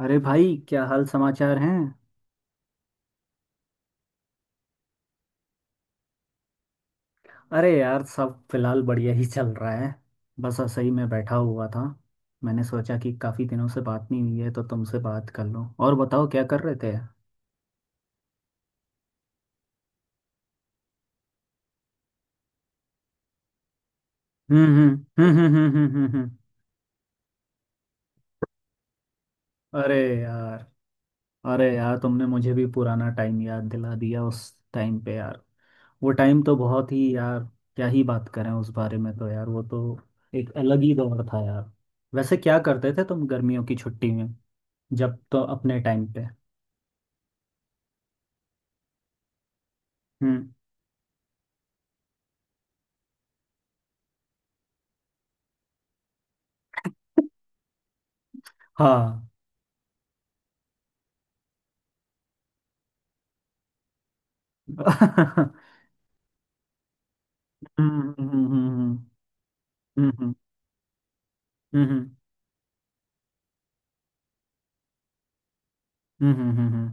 अरे भाई क्या हाल समाचार हैं। अरे यार सब फिलहाल बढ़िया ही चल रहा है। बस ऐसे ही मैं बैठा हुआ था। मैंने सोचा कि काफ़ी दिनों से बात नहीं हुई है तो तुमसे बात कर लूं, और बताओ क्या कर रहे थे। हम्म हम्म हम्म हम्म हम्म हम्म हम्म, हम्म। अरे यार। अरे यार, तुमने मुझे भी पुराना टाइम याद दिला दिया उस टाइम पे यार। वो टाइम तो बहुत ही यार, क्या ही बात करें उस बारे में। तो यार वो तो एक अलग ही दौर था यार। वैसे क्या करते थे तुम गर्मियों की छुट्टी में, जब तो अपने टाइम पे। हम्म। हाँ। हम्म हम्म हम्म हम्म हम्म हम्म हम्म, हम्म। हम्म, हम्म, हम्म।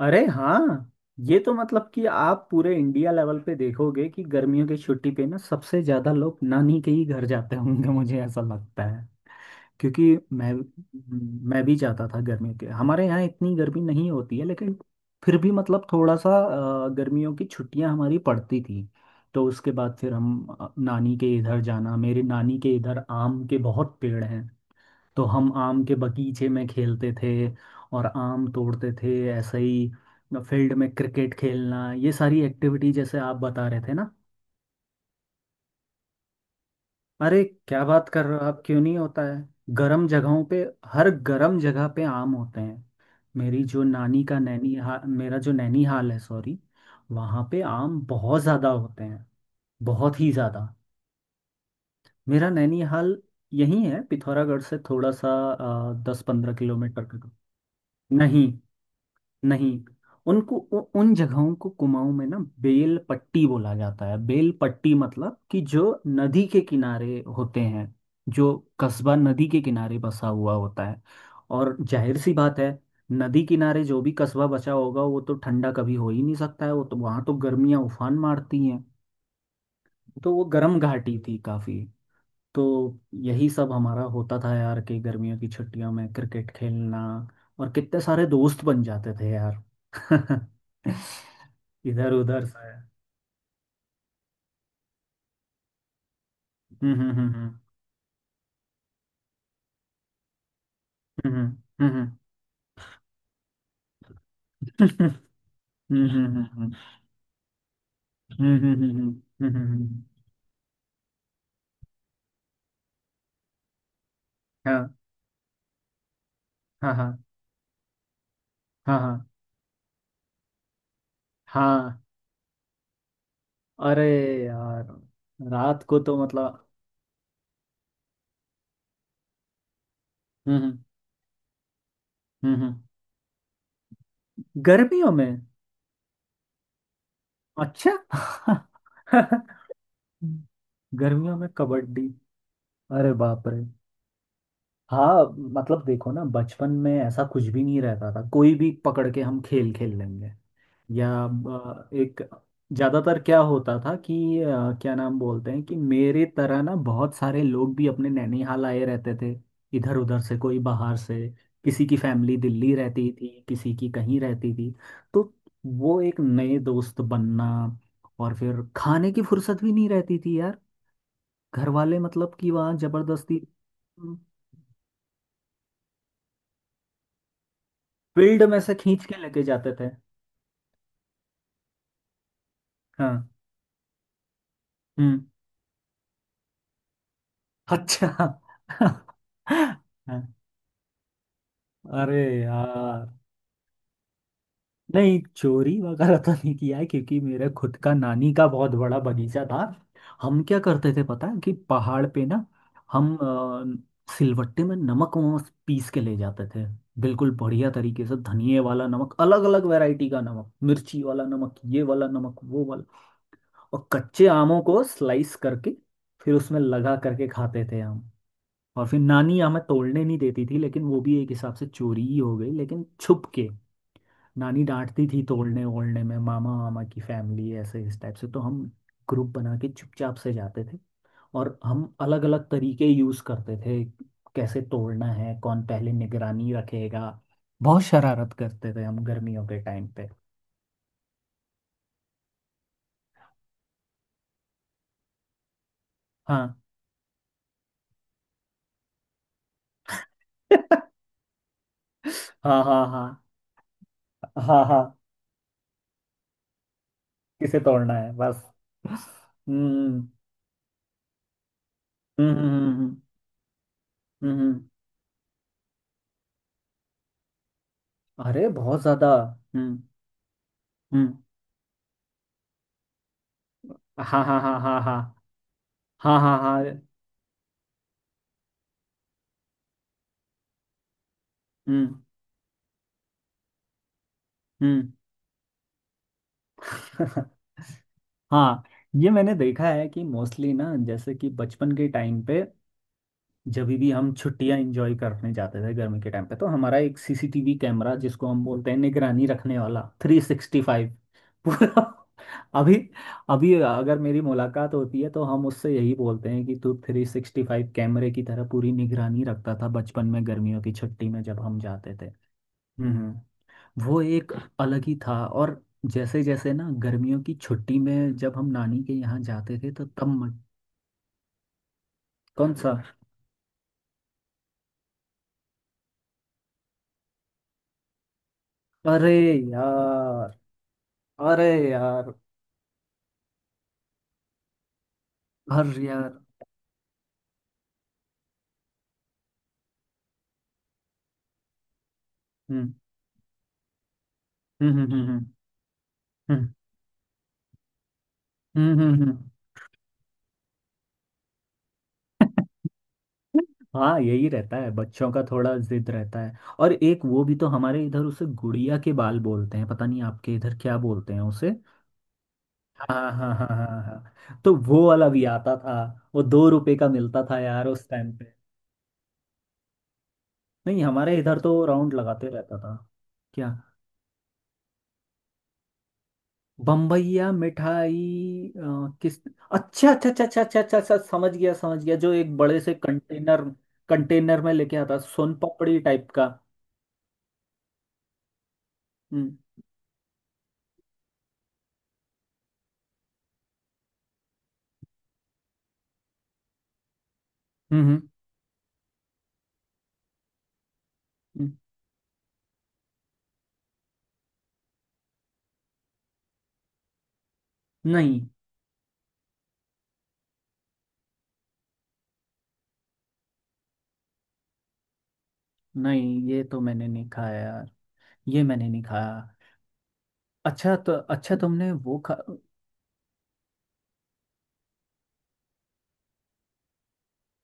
अरे हाँ, ये तो मतलब कि आप पूरे इंडिया लेवल पे देखोगे कि गर्मियों की छुट्टी पे ना सबसे ज्यादा लोग नानी के ही घर जाते होंगे, मुझे ऐसा लगता। क्योंकि मैं मैं भी जाता था गर्मी के, हमारे यहाँ इतनी गर्मी नहीं होती है, लेकिन फिर भी मतलब थोड़ा सा गर्मियों की छुट्टियां हमारी पड़ती थी। तो उसके बाद फिर हम नानी के इधर जाना। मेरे नानी के इधर आम के बहुत पेड़ हैं, तो हम आम के बगीचे में खेलते थे और आम तोड़ते थे, ऐसे ही फील्ड में क्रिकेट खेलना, ये सारी एक्टिविटी, जैसे आप बता रहे थे ना। अरे क्या बात कर रहे हो आप, क्यों नहीं होता है। गर्म जगहों पे, हर गर्म जगह पे आम होते हैं। मेरी जो नानी का मेरा जो नैनीहाल है, सॉरी। वहाँ पे आम बहुत ज़्यादा होते हैं, बहुत ही ज़्यादा। मेरा नैनीहाल यहीं है, पिथौरागढ़ से थोड़ा सा 10-15 किलोमीटर का दूर। नहीं। नहीं। उनको उन जगहों को कुमाऊं में ना बेल पट्टी बोला जाता है। बेल पट्टी मतलब कि जो नदी के किनारे होते हैं, जो कस्बा नदी के किनारे बसा हुआ होता है। और जाहिर सी बात है, नदी किनारे जो भी कस्बा बचा होगा वो तो ठंडा कभी हो ही नहीं सकता है, वो तो वहां तो गर्मियां उफान मारती हैं। तो वो गर्म घाटी थी काफी। तो यही सब हमारा होता था यार, कि गर्मियों की छुट्टियों में क्रिकेट खेलना। और कितने सारे दोस्त बन जाते थे यार इधर उधर से। हम्म हम्म हम्म हम्म हम्म हम्म हम्म हम्म। हाँ हाँ हाँ हाँ हाँ हाँ। अरे यार, रात को तो मतलब। हम्म हम्म हम्म हम्म, गर्मियों में। अच्छा। गर्मियों में कबड्डी। अरे बाप रे। हाँ। मतलब देखो ना, बचपन में ऐसा कुछ भी नहीं रहता था, कोई भी पकड़ के हम खेल खेल लेंगे। या एक ज्यादातर क्या होता था कि क्या नाम बोलते हैं, कि मेरे तरह ना बहुत सारे लोग भी अपने नैनीहाल आए रहते थे, इधर उधर से, कोई बाहर से। किसी की फैमिली दिल्ली रहती थी, किसी की कहीं रहती थी। तो वो एक नए दोस्त बनना। और फिर खाने की फुर्सत भी नहीं रहती थी यार, घर वाले मतलब कि वहाँ जबरदस्ती फील्ड में से खींच के लेके जाते थे। हाँ। हम्म। अच्छा। हाँ, अरे यार, नहीं चोरी वगैरह तो नहीं किया है, क्योंकि मेरे खुद का नानी का बहुत बड़ा बगीचा था। हम क्या करते थे पता है, कि पहाड़ पे ना हम सिलवट्टे में नमक वमक पीस के ले जाते थे। बिल्कुल बढ़िया तरीके से, धनिए वाला नमक, अलग अलग वैरायटी का नमक, मिर्ची वाला नमक, ये वाला नमक, वो वाला। और कच्चे आमों को स्लाइस करके फिर उसमें लगा करके खाते थे हम। और फिर नानी हमें तोड़ने नहीं देती थी, लेकिन वो भी एक हिसाब से चोरी ही हो गई, लेकिन छुप के। नानी डांटती थी तोड़ने ओड़ने में, मामा, मामा की फैमिली ऐसे इस टाइप से, तो हम ग्रुप बना के चुपचाप से जाते थे। और हम अलग अलग तरीके यूज करते थे, कैसे तोड़ना है, कौन पहले निगरानी रखेगा। बहुत शरारत करते थे हम गर्मियों के टाइम पे। हाँ। हाँ हाँ हाँ हाँ हाँ, किसे तोड़ना है बस। हम्म हम्म हम्म हम्म, हम्म, हम्म, हम्म, हम्म। अरे बहुत ज्यादा। हम्म हम्म। हाँ हाँ हाँ हाँ हाँ हाँ हाँ हाँ। हम्म हम्म। हाँ, ये मैंने देखा है कि मोस्टली ना, जैसे कि बचपन के टाइम पे जब भी हम छुट्टियां एंजॉय करने जाते थे गर्मी के टाइम पे, तो हमारा एक सीसीटीवी कैमरा, जिसको हम बोलते हैं निगरानी रखने वाला 360 पूरा। अभी, अभी अगर मेरी मुलाकात होती है तो हम उससे यही बोलते हैं कि तू 360 कैमरे की तरह पूरी निगरानी रखता था बचपन में, गर्मियों की छुट्टी में जब हम जाते थे। हम्म। वो एक अलग ही था। और जैसे जैसे ना गर्मियों की छुट्टी में जब हम नानी के यहाँ जाते थे तो तब कौन सा? अरे यार। अरे यार, हर यार। हम्म हम्म हम्म हम्म हम्म हम्म। हाँ, यही रहता है बच्चों का, थोड़ा जिद रहता है। और एक वो भी तो, हमारे इधर उसे गुड़िया के बाल बोलते हैं, पता नहीं आपके इधर क्या बोलते हैं उसे। हाँ हाँ हाँ हाँ हाँ, तो वो वाला भी आता था। वो 2 रुपए का मिलता था यार उस टाइम पे। नहीं, हमारे इधर तो राउंड लगाते रहता था। क्या? बम्बैया मिठाई किस। अच्छा अच्छा अच्छा अच्छा अच्छा अच्छा अच्छा, समझ गया, समझ गया। जो एक बड़े से कंटेनर कंटेनर में लेके आता, सोन पापड़ी टाइप का। हम्म हम्म हम्म, हम्म, नहीं नहीं, ये तो मैंने नहीं खाया यार। ये मैंने नहीं खाया। अच्छा तो, अच्छा तुमने वो खा।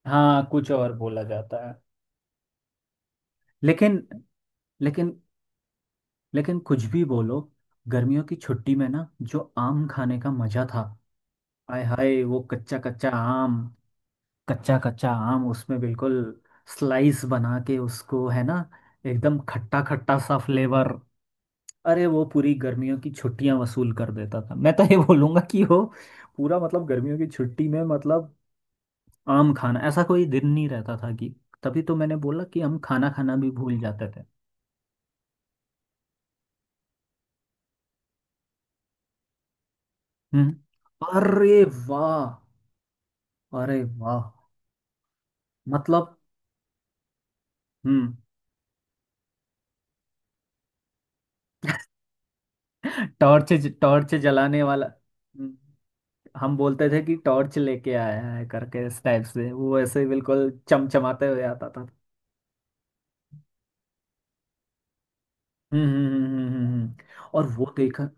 हाँ, कुछ और बोला जाता है। लेकिन, लेकिन लेकिन कुछ भी बोलो, गर्मियों की छुट्टी में ना जो आम खाने का मजा था। आय हाय वो कच्चा कच्चा आम, कच्चा कच्चा आम, उसमें बिल्कुल स्लाइस बना के उसको, है ना, एकदम खट्टा खट्टा सा फ्लेवर। अरे वो पूरी गर्मियों की छुट्टियां वसूल कर देता था। मैं तो ये बोलूंगा कि वो पूरा मतलब गर्मियों की छुट्टी में मतलब आम खाना, ऐसा कोई दिन नहीं रहता था, कि तभी तो मैंने बोला कि हम खाना खाना भी भूल जाते थे। हम्म। अरे वाह। अरे वाह। मतलब। हम्म। टॉर्च, टॉर्च जलाने वाला। हम बोलते थे कि टॉर्च लेके आया है करके, इस टाइप से, वो ऐसे ही बिल्कुल चमचमाते हुए आता था। हम्म। और वो देखा।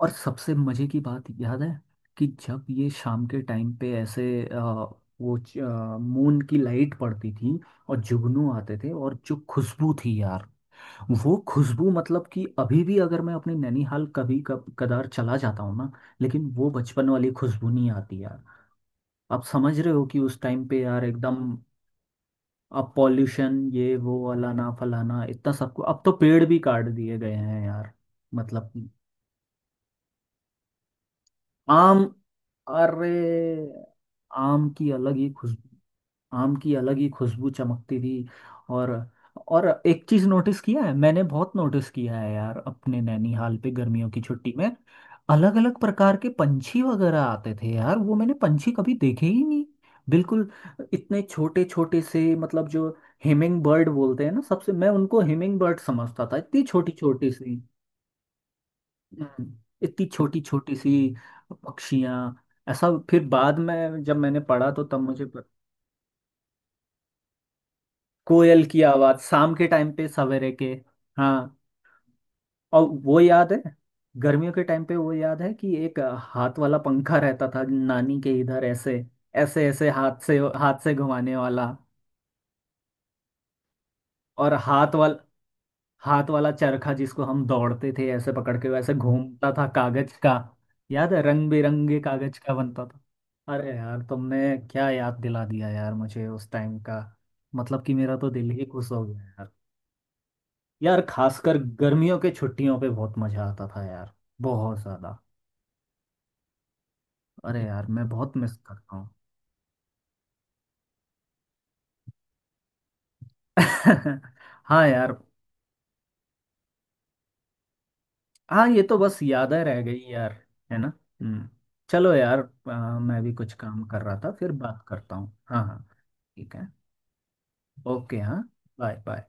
और सबसे मजे की बात याद है कि जब ये शाम के टाइम पे ऐसे वो मून की लाइट पड़ती थी और जुगनू आते थे, और जो खुशबू थी यार, वो खुशबू मतलब कि अभी भी अगर मैं अपने नैनीहाल कभी कब कदार चला जाता हूँ ना, लेकिन वो बचपन वाली खुशबू नहीं आती यार। आप समझ रहे हो कि उस टाइम पे यार एकदम। अब पॉल्यूशन, ये वो अलाना फलाना, इतना सब कुछ, अब तो पेड़ भी काट दिए गए हैं यार। मतलब कि आम, अरे आम की अलग ही खुशबू, आम की अलग ही खुशबू चमकती थी। और और एक चीज नोटिस किया है, मैंने बहुत नोटिस किया है यार, अपने नैनीहाल पे गर्मियों की छुट्टी में अलग अलग प्रकार के पंछी वगैरह आते थे यार, वो मैंने पंछी कभी देखे ही नहीं। बिल्कुल इतने छोटे छोटे से, मतलब जो हिमिंग बर्ड बोलते हैं ना, सबसे मैं उनको हिमिंग बर्ड समझता था, इतनी छोटी छोटी सी। हम्म, इतनी छोटी छोटी सी पक्षियाँ। ऐसा फिर बाद में जब मैंने पढ़ा तो तब मुझे। कोयल की आवाज शाम के टाइम पे, सवेरे के। हाँ। और वो याद है, गर्मियों के टाइम पे वो याद है कि एक हाथ वाला पंखा रहता था नानी के इधर, ऐसे ऐसे ऐसे, हाथ से घुमाने वाला। और हाथ वाला चरखा जिसको हम दौड़ते थे ऐसे पकड़ के, वैसे घूमता था कागज का। याद है, रंग बिरंगे कागज का बनता था। अरे यार, तुमने क्या याद दिला दिया यार, मुझे उस टाइम का, मतलब कि मेरा तो दिल ही खुश हो गया। यार खासकर गर्मियों के छुट्टियों पे बहुत मजा आता था यार, बहुत ज्यादा। अरे यार, मैं बहुत मिस करता हूँ। हाँ यार। हाँ, ये तो बस यादें रह गई यार। है ना? हम्म। चलो यार, मैं भी कुछ काम कर रहा था, फिर बात करता हूँ। हाँ हाँ। ठीक है। ओके हाँ। Bye bye.